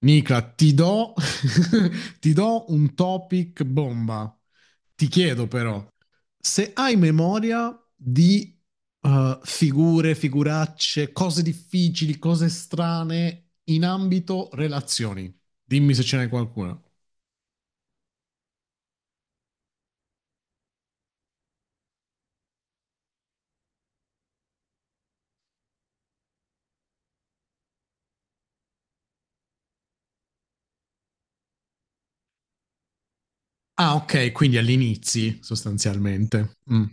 Nicla, ti do, ti do un topic bomba. Ti chiedo però, se hai memoria di figure, figuracce, cose difficili, cose strane in ambito relazioni, dimmi se ce n'è qualcuna. Ah, ok, quindi all'inizio sostanzialmente. Mm.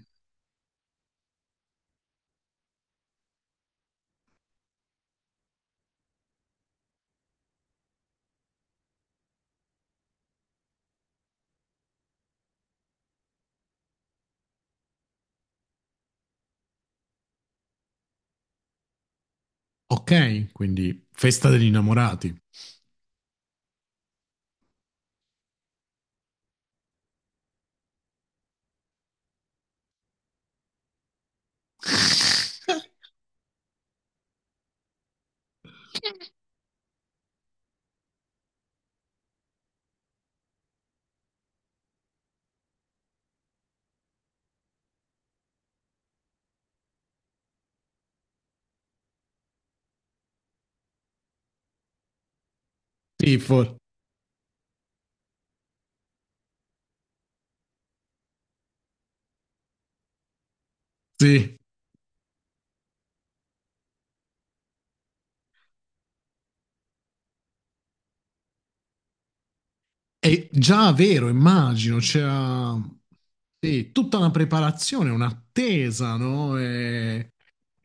Ok, quindi festa degli innamorati. Sì, sì. È già vero, immagino, c'era sì, tutta una preparazione, un'attesa, no?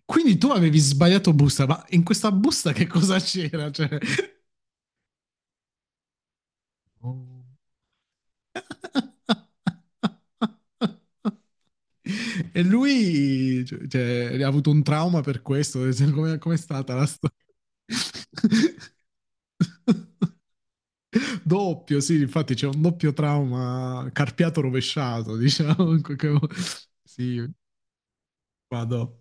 Quindi tu avevi sbagliato busta, ma in questa busta che cosa c'era? Cioè... E lui, cioè, ha avuto un trauma per questo. Cioè, come com'è stata la storia? Doppio, sì, infatti c'è un doppio trauma carpiato rovesciato, diciamo, in qualche modo. Sì, vado.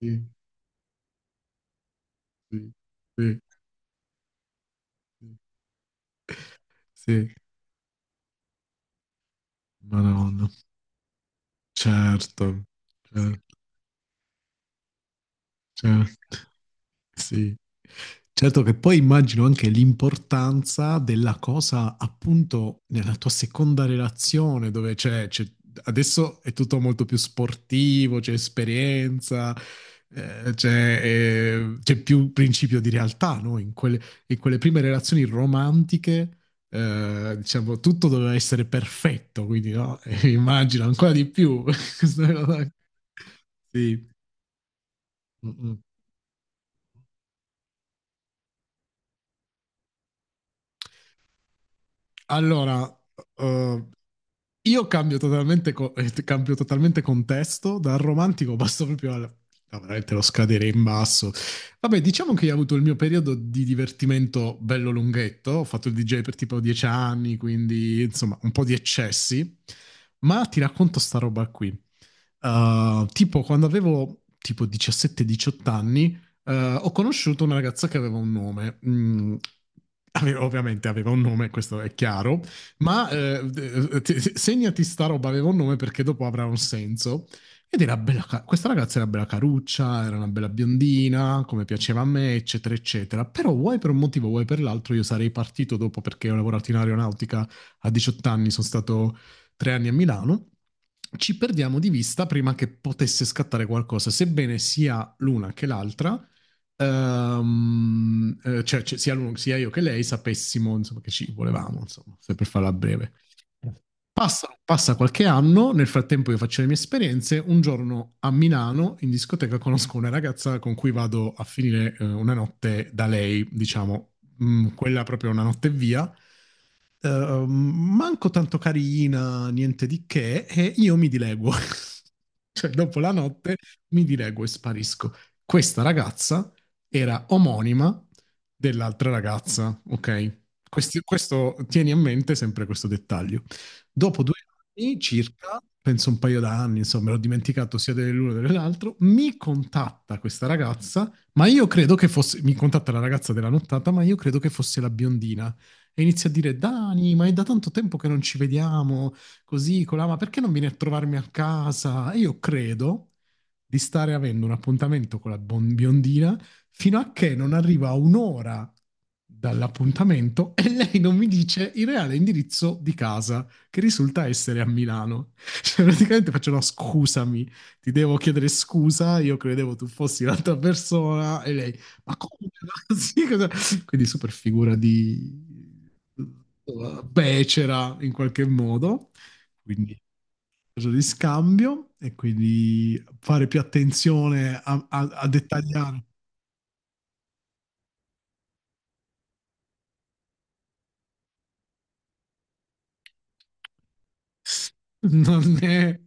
Sì, sì, sì, sì. Sì, madonna. Certo, certo, certo. Sì. Certo che poi immagino anche l'importanza della cosa appunto nella tua seconda relazione dove adesso è tutto molto più sportivo, c'è esperienza, c'è più principio di realtà, no? In quelle prime relazioni romantiche, diciamo, tutto doveva essere perfetto, quindi no? Immagino ancora di più. Questa è una cosa. Sì. Mm, mm. Allora, eh, io cambio totalmente, cambio totalmente contesto, dal romantico passo proprio al... no, veramente lo scadere in basso. Vabbè, diciamo che io ho avuto il mio periodo di divertimento bello lunghetto, ho fatto il DJ per tipo 10 anni, quindi insomma un po' di eccessi, ma ti racconto sta roba qui. Tipo quando avevo tipo 17-18 anni, uh, ho conosciuto una ragazza che aveva un nome. Mm, ovviamente aveva un nome, questo è chiaro, ma segnati sta roba, aveva un nome perché dopo avrà un senso. Ed era bella, questa ragazza era bella caruccia, era una bella biondina, come piaceva a me, eccetera, eccetera. Però vuoi per un motivo, vuoi per l'altro, io sarei partito dopo perché ho lavorato in aeronautica a 18 anni, sono stato 3 anni a Milano, ci perdiamo di vista prima che potesse scattare qualcosa, sebbene sia l'una che l'altra. Sia, sia io che lei sapessimo, insomma, che ci volevamo, insomma, se per farla breve. Passa qualche anno, nel frattempo io faccio le mie esperienze, un giorno a Milano in discoteca conosco una ragazza con cui vado a finire una notte da lei, diciamo, mm, quella proprio una notte via, manco tanto carina, niente di che, e io mi dileguo. Cioè, dopo la notte mi dileguo e sparisco. Questa ragazza era omonima dell'altra ragazza, ok? Questo, tieni a mente sempre questo dettaglio. Dopo 2 anni circa, penso un paio d'anni, insomma, l'ho dimenticato sia dell'uno che dell'altro, mi contatta questa ragazza, ma io credo che fosse, mi contatta la ragazza della nottata, ma io credo che fosse la biondina e inizia a dire Dani, ma è da tanto tempo che non ci vediamo, così, colà, ma perché non vieni a trovarmi a casa? E io credo di stare avendo un appuntamento con la biondina fino a che non arriva a un'ora dall'appuntamento e lei non mi dice il reale indirizzo di casa, che risulta essere a Milano. Cioè, praticamente faccio no, scusami, ti devo chiedere scusa, io credevo tu fossi l'altra persona e lei, ma come? Sì, cosa? Quindi super figura di becera in qualche modo, quindi cosa di scambio e quindi fare più attenzione a, a dettagliare. Non è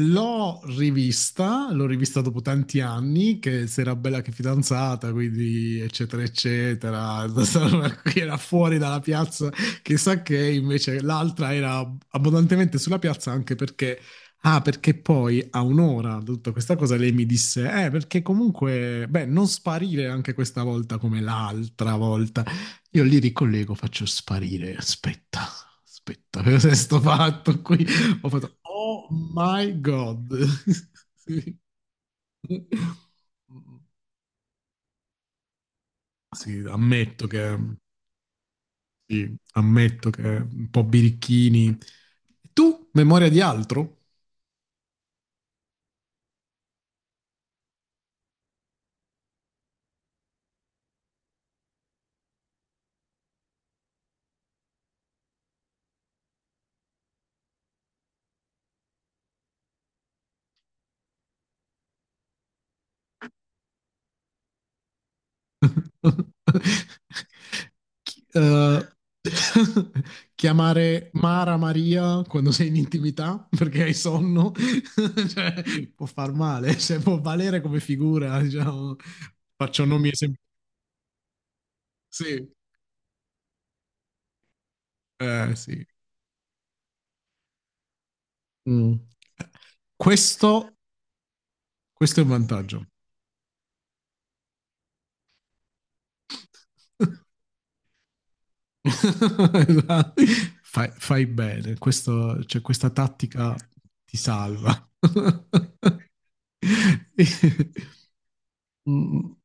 L'ho rivista dopo tanti anni, che si era bella che fidanzata, quindi eccetera eccetera, era fuori dalla piazza, chissà che invece l'altra era abbondantemente sulla piazza anche perché, ah, perché poi a un'ora da tutta questa cosa lei mi disse, perché comunque, beh, non sparire anche questa volta come l'altra volta. Io li ricollego, faccio sparire, aspetta. Aspetta, cosa è sto fatto qui? Ho fatto, oh my god. Sì. Sì, ammetto che, sì, ammetto che un po' birichini. Tu, memoria di altro? Chi- eh, chiamare Mara Maria quando sei in intimità perché hai sonno, cioè, può far male, cioè, può valere come figura, diciamo. Faccio nomi esemplici. Sì, sì. Mm. Questo, questo è un vantaggio. Fai bene, questo, cioè, questa tattica ti salva. Mm.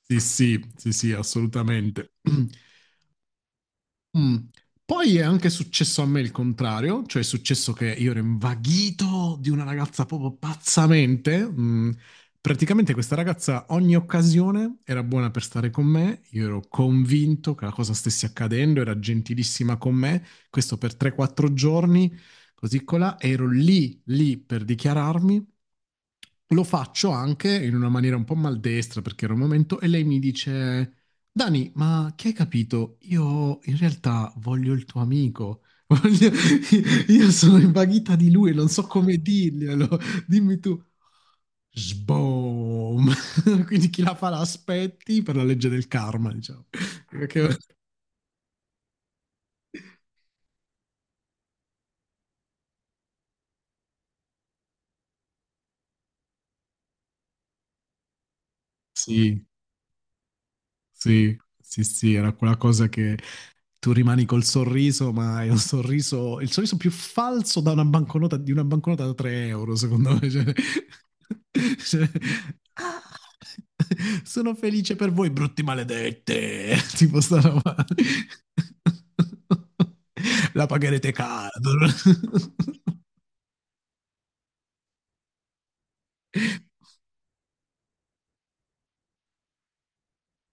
Sì, sì, sì, sì, assolutamente. Mm. Poi è anche successo a me il contrario, cioè è successo che io ero invaghito di una ragazza proprio pazzamente. Mm. Praticamente questa ragazza ogni occasione era buona per stare con me, io ero convinto che la cosa stesse accadendo, era gentilissima con me, questo per 3-4 giorni, così colà, ero lì, lì per dichiararmi, lo faccio anche in una maniera un po' maldestra perché era un momento e lei mi dice Dani, ma che hai capito? Io in realtà voglio il tuo amico. Io sono invaghita di lui, non so come dirglielo. Dimmi tu. Sboom! Quindi chi la fa l'aspetti per la legge del karma, diciamo. Perché. Sì, sì, sì, sì, era quella cosa che tu rimani col sorriso, ma è un sorriso, il sorriso più falso da una banconota, di una banconota da 3 euro, secondo me. Cioè, ah, sono felice per voi, brutti maledette. Tipo sta roba. La pagherete caro.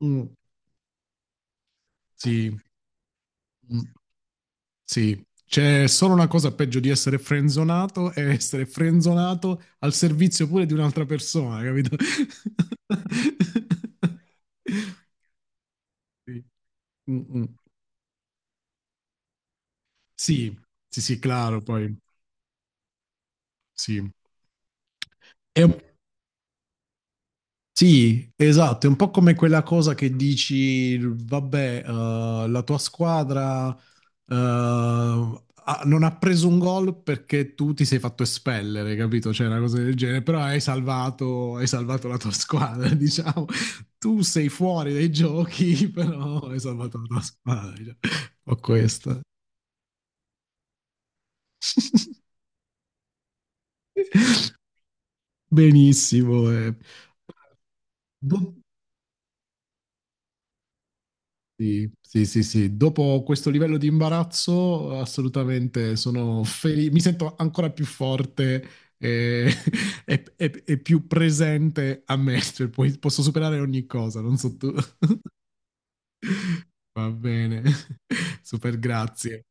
Mm, sì. Mm. Sì, c'è solo una cosa peggio di essere frenzonato, è essere frenzonato al servizio pure di un'altra persona, capito? Sì. Mm, mm. Sì, sì, sì, claro, poi sì. È un. Sì, esatto, è un po' come quella cosa che dici, vabbè, la tua squadra, non ha preso un gol perché tu ti sei fatto espellere, capito? Cioè, una cosa del genere, però hai salvato la tua squadra, diciamo. Tu sei fuori dai giochi, però hai salvato la tua squadra, diciamo. Ho questa. Benissimo, eh. Boh, sì, sì, sì, sì. Dopo questo livello di imbarazzo, assolutamente sono felice, mi sento ancora più forte e, e più presente a me, cioè, poi posso superare ogni cosa, non so tu. Va bene, super grazie.